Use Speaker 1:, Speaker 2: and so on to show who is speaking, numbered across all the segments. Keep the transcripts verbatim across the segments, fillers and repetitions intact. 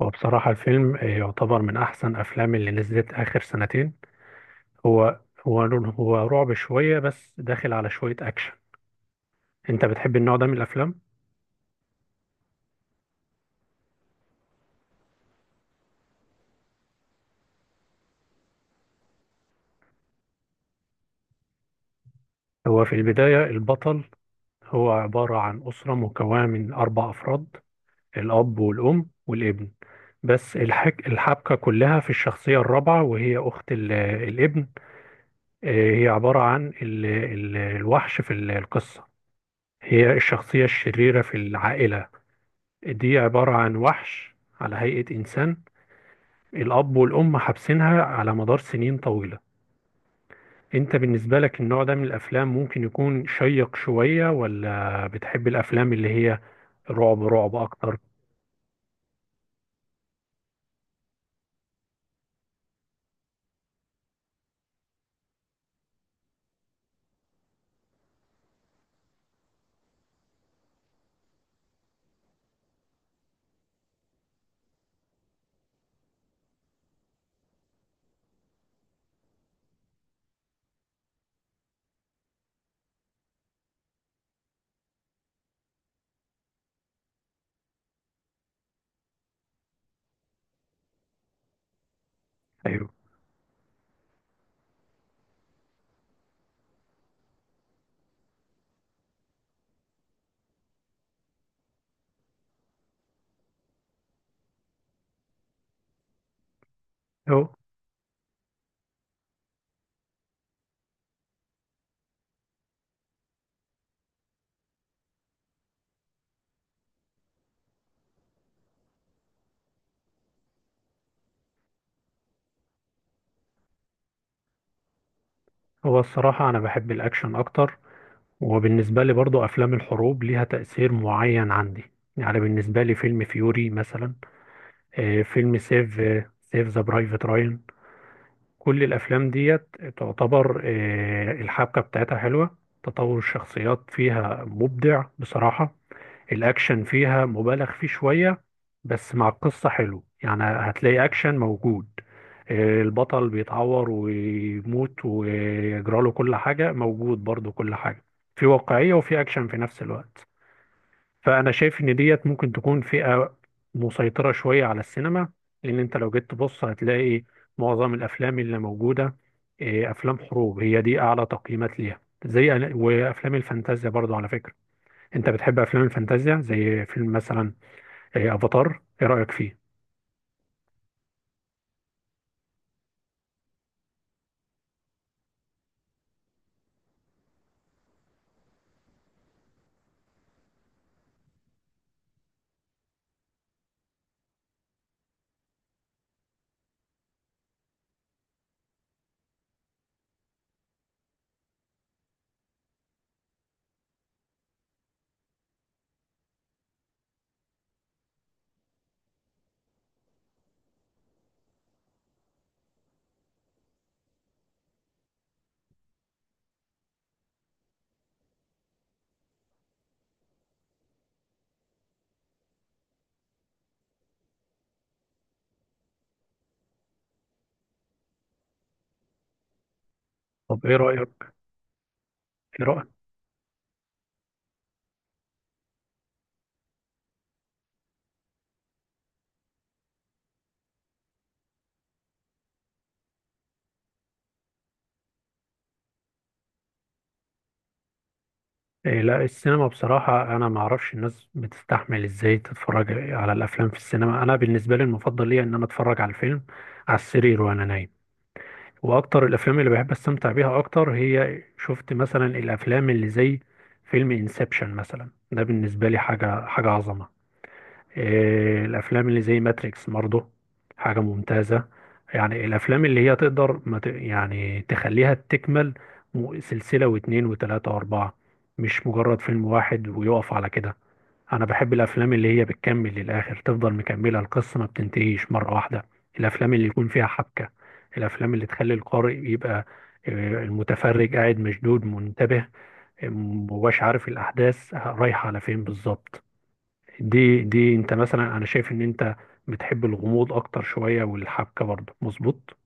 Speaker 1: وبصراحة الفيلم يعتبر من أحسن أفلام اللي نزلت آخر سنتين. هو هو هو رعب شوية بس داخل على شوية أكشن. أنت بتحب النوع ده من الأفلام؟ هو في البداية البطل، هو عبارة عن أسرة مكونة من أربع أفراد، الأب والأم والابن. بس الحك... الحبكة كلها في الشخصية الرابعة، وهي أخت ال... الابن. آه، هي عبارة عن ال... ال... الوحش في القصة. هي الشخصية الشريرة في العائلة. دي عبارة عن وحش على هيئة إنسان. الأب والأم حابسينها على مدار سنين طويلة. أنت بالنسبة لك النوع ده من الأفلام ممكن يكون شيق شوية، ولا بتحب الأفلام اللي هي رعب رعب أكتر؟ أيوه. هو هو الصراحة أنا بحب الأكشن أكتر. وبالنسبة لي برضو أفلام الحروب ليها تأثير معين عندي. يعني بالنسبة لي فيلم فيوري مثلا، آه، فيلم سيف آه، سيف ذا برايفت راين. كل الافلام ديت تعتبر، آه، الحبكه بتاعتها حلوه. تطور الشخصيات فيها مبدع بصراحه. الاكشن فيها مبالغ فيه شويه، بس مع القصه حلو، يعني هتلاقي اكشن موجود. آه، البطل بيتعور ويموت ويجراله كل حاجه، موجود برضو كل حاجه. في واقعيه وفي اكشن في نفس الوقت. فانا شايف ان ديت ممكن تكون فئة مسيطرة شوية على السينما، لان انت لو جيت تبص هتلاقي معظم الافلام اللي موجودة، إيه، افلام حروب، هي دي اعلى تقييمات ليها زي أنا- وافلام الفانتازيا برضو على فكرة. انت بتحب افلام الفانتازيا زي فيلم مثلا إيه، افاتار، ايه رأيك فيه؟ طب ايه رأيك ايه رأيك؟ إيه، لا، السينما بصراحة أنا ما أعرفش الناس بتستحمل إزاي تتفرج على الأفلام في السينما. أنا بالنسبة لي المفضل ليا إن أنا أتفرج على الفيلم على السرير وأنا نايم. واكتر الافلام اللي بحب استمتع بيها اكتر هي، شفت مثلا الافلام اللي زي فيلم انسبشن مثلا، ده بالنسبه لي حاجه حاجه عظمه. إيه الافلام اللي زي ماتريكس برضه حاجه ممتازه. يعني الافلام اللي هي تقدر ما ت... يعني تخليها تكمل. م- سلسله واتنين وتلاته واربعه، مش مجرد فيلم واحد ويقف على كده. انا بحب الافلام اللي هي بتكمل للاخر، تفضل مكمله القصه ما بتنتهيش مره واحده. الافلام اللي يكون فيها حبكه، الافلام اللي تخلي القارئ يبقى آه، المتفرج قاعد مشدود منتبه. آه، مبقاش عارف الاحداث رايحه على فين بالظبط. دي دي انت مثلا، انا شايف ان انت بتحب الغموض اكتر شويه، والحبكه برضه مظبوط.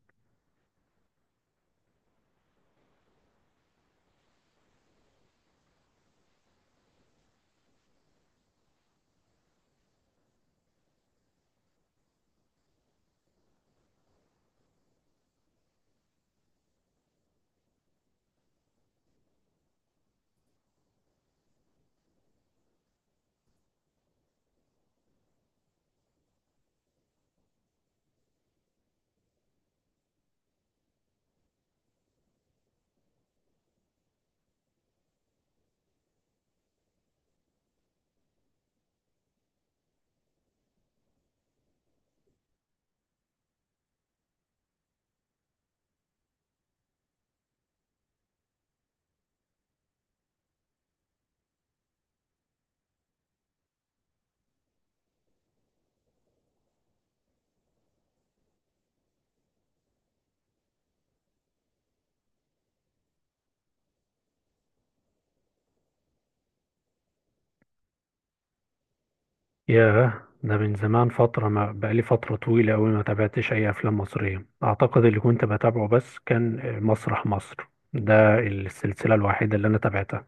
Speaker 1: ياه، ده من زمان فترة، ما بقالي فترة طويلة أوي ما تابعتش أي أفلام مصرية. أعتقد اللي كنت بتابعه بس كان مسرح مصر. ده السلسلة الوحيدة اللي أنا تابعتها.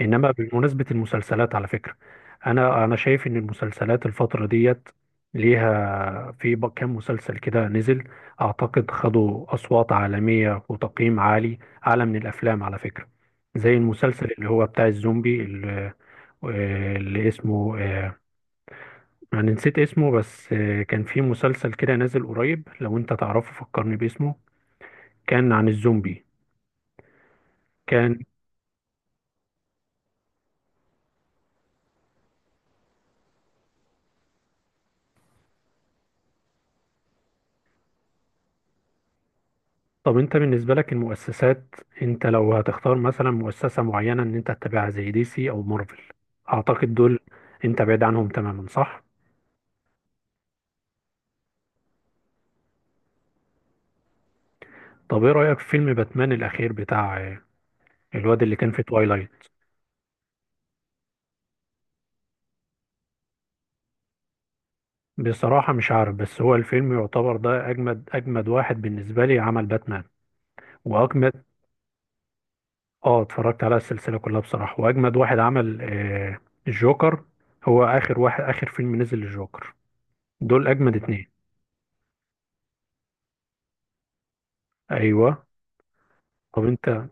Speaker 1: إنما بمناسبة المسلسلات على فكرة، أنا أنا شايف إن المسلسلات الفترة ديت ليها في ب- كام مسلسل كده نزل، أعتقد خدوا أصوات عالمية وتقييم عالي، أعلى من الأفلام على فكرة، زي المسلسل اللي هو بتاع الزومبي اللي, اللي اسمه، آه، انا نسيت اسمه، بس آه، كان في مسلسل كده نازل قريب، لو انت تعرفه فكرني باسمه. كان عن الزومبي، كان. طب انت بالنسبة لك المؤسسات، انت لو هتختار مثلا مؤسسة معينة ان انت تتابعها زي دي سي او مارفل، اعتقد دول انت بعيد عنهم تماما، صح؟ طب ايه رأيك في فيلم باتمان الاخير بتاع آه، الواد اللي كان في توايلايت؟ بصراحة مش عارف، بس هو الفيلم يعتبر ده اجمد اجمد واحد بالنسبة لي عمل باتمان، واجمد. اه، اتفرجت على السلسلة كلها بصراحة، واجمد واحد عمل آه الجوكر. هو اخر واحد، اخر فيلم نزل الجوكر، دول اجمد اتنين. ايوه. طب انت.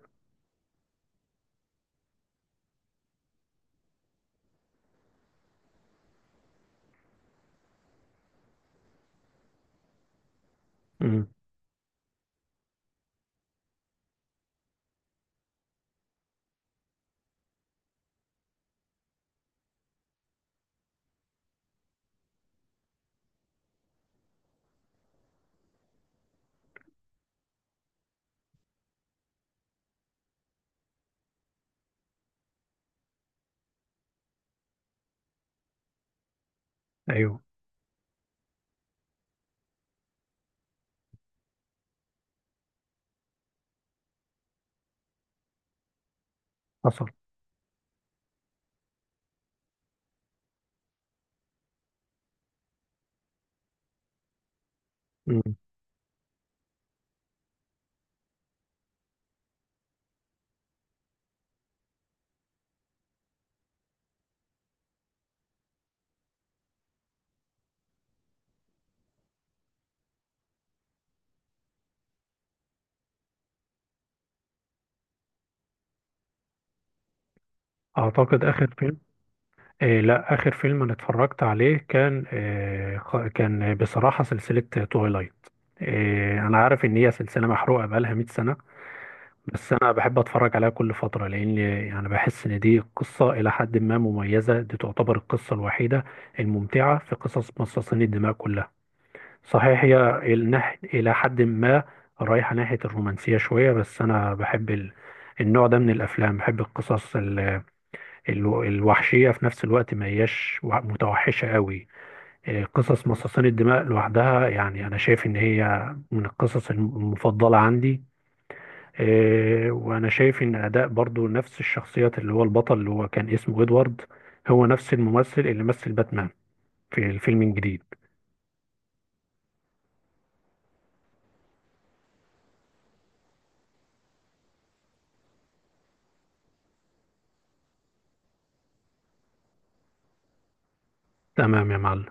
Speaker 1: مم. ايوه. حصل. مم. اعتقد اخر فيلم، آه لا، اخر فيلم انا اتفرجت عليه كان، آه خ- كان بصراحة سلسلة تويلايت. آه انا عارف ان هي سلسلة محروقة بقالها مئة سنة، بس انا بحب اتفرج عليها كل فتره، لان يعني بحس ان دي قصه الى حد ما مميزه. دي تعتبر القصه الوحيده الممتعه في قصص مصاصين الدماء كلها. صحيح هي النح- الى حد ما رايحه ناحيه الرومانسيه شويه، بس انا بحب ال... النوع ده من الافلام، بحب القصص ال... ال... الوحشيه في نفس الوقت، ما هياش وح- متوحشه قوي. إيه، قصص مصاصين الدماء لوحدها يعني انا شايف ان هي من القصص الم- المفضله عندي. آه، وانا شايف ان اداء برضو نفس الشخصيات اللي هو البطل اللي هو كان اسمه ادوارد، هو نفس الممثل اللي مثل باتمان في الفيلم الجديد. تمام يا معلم.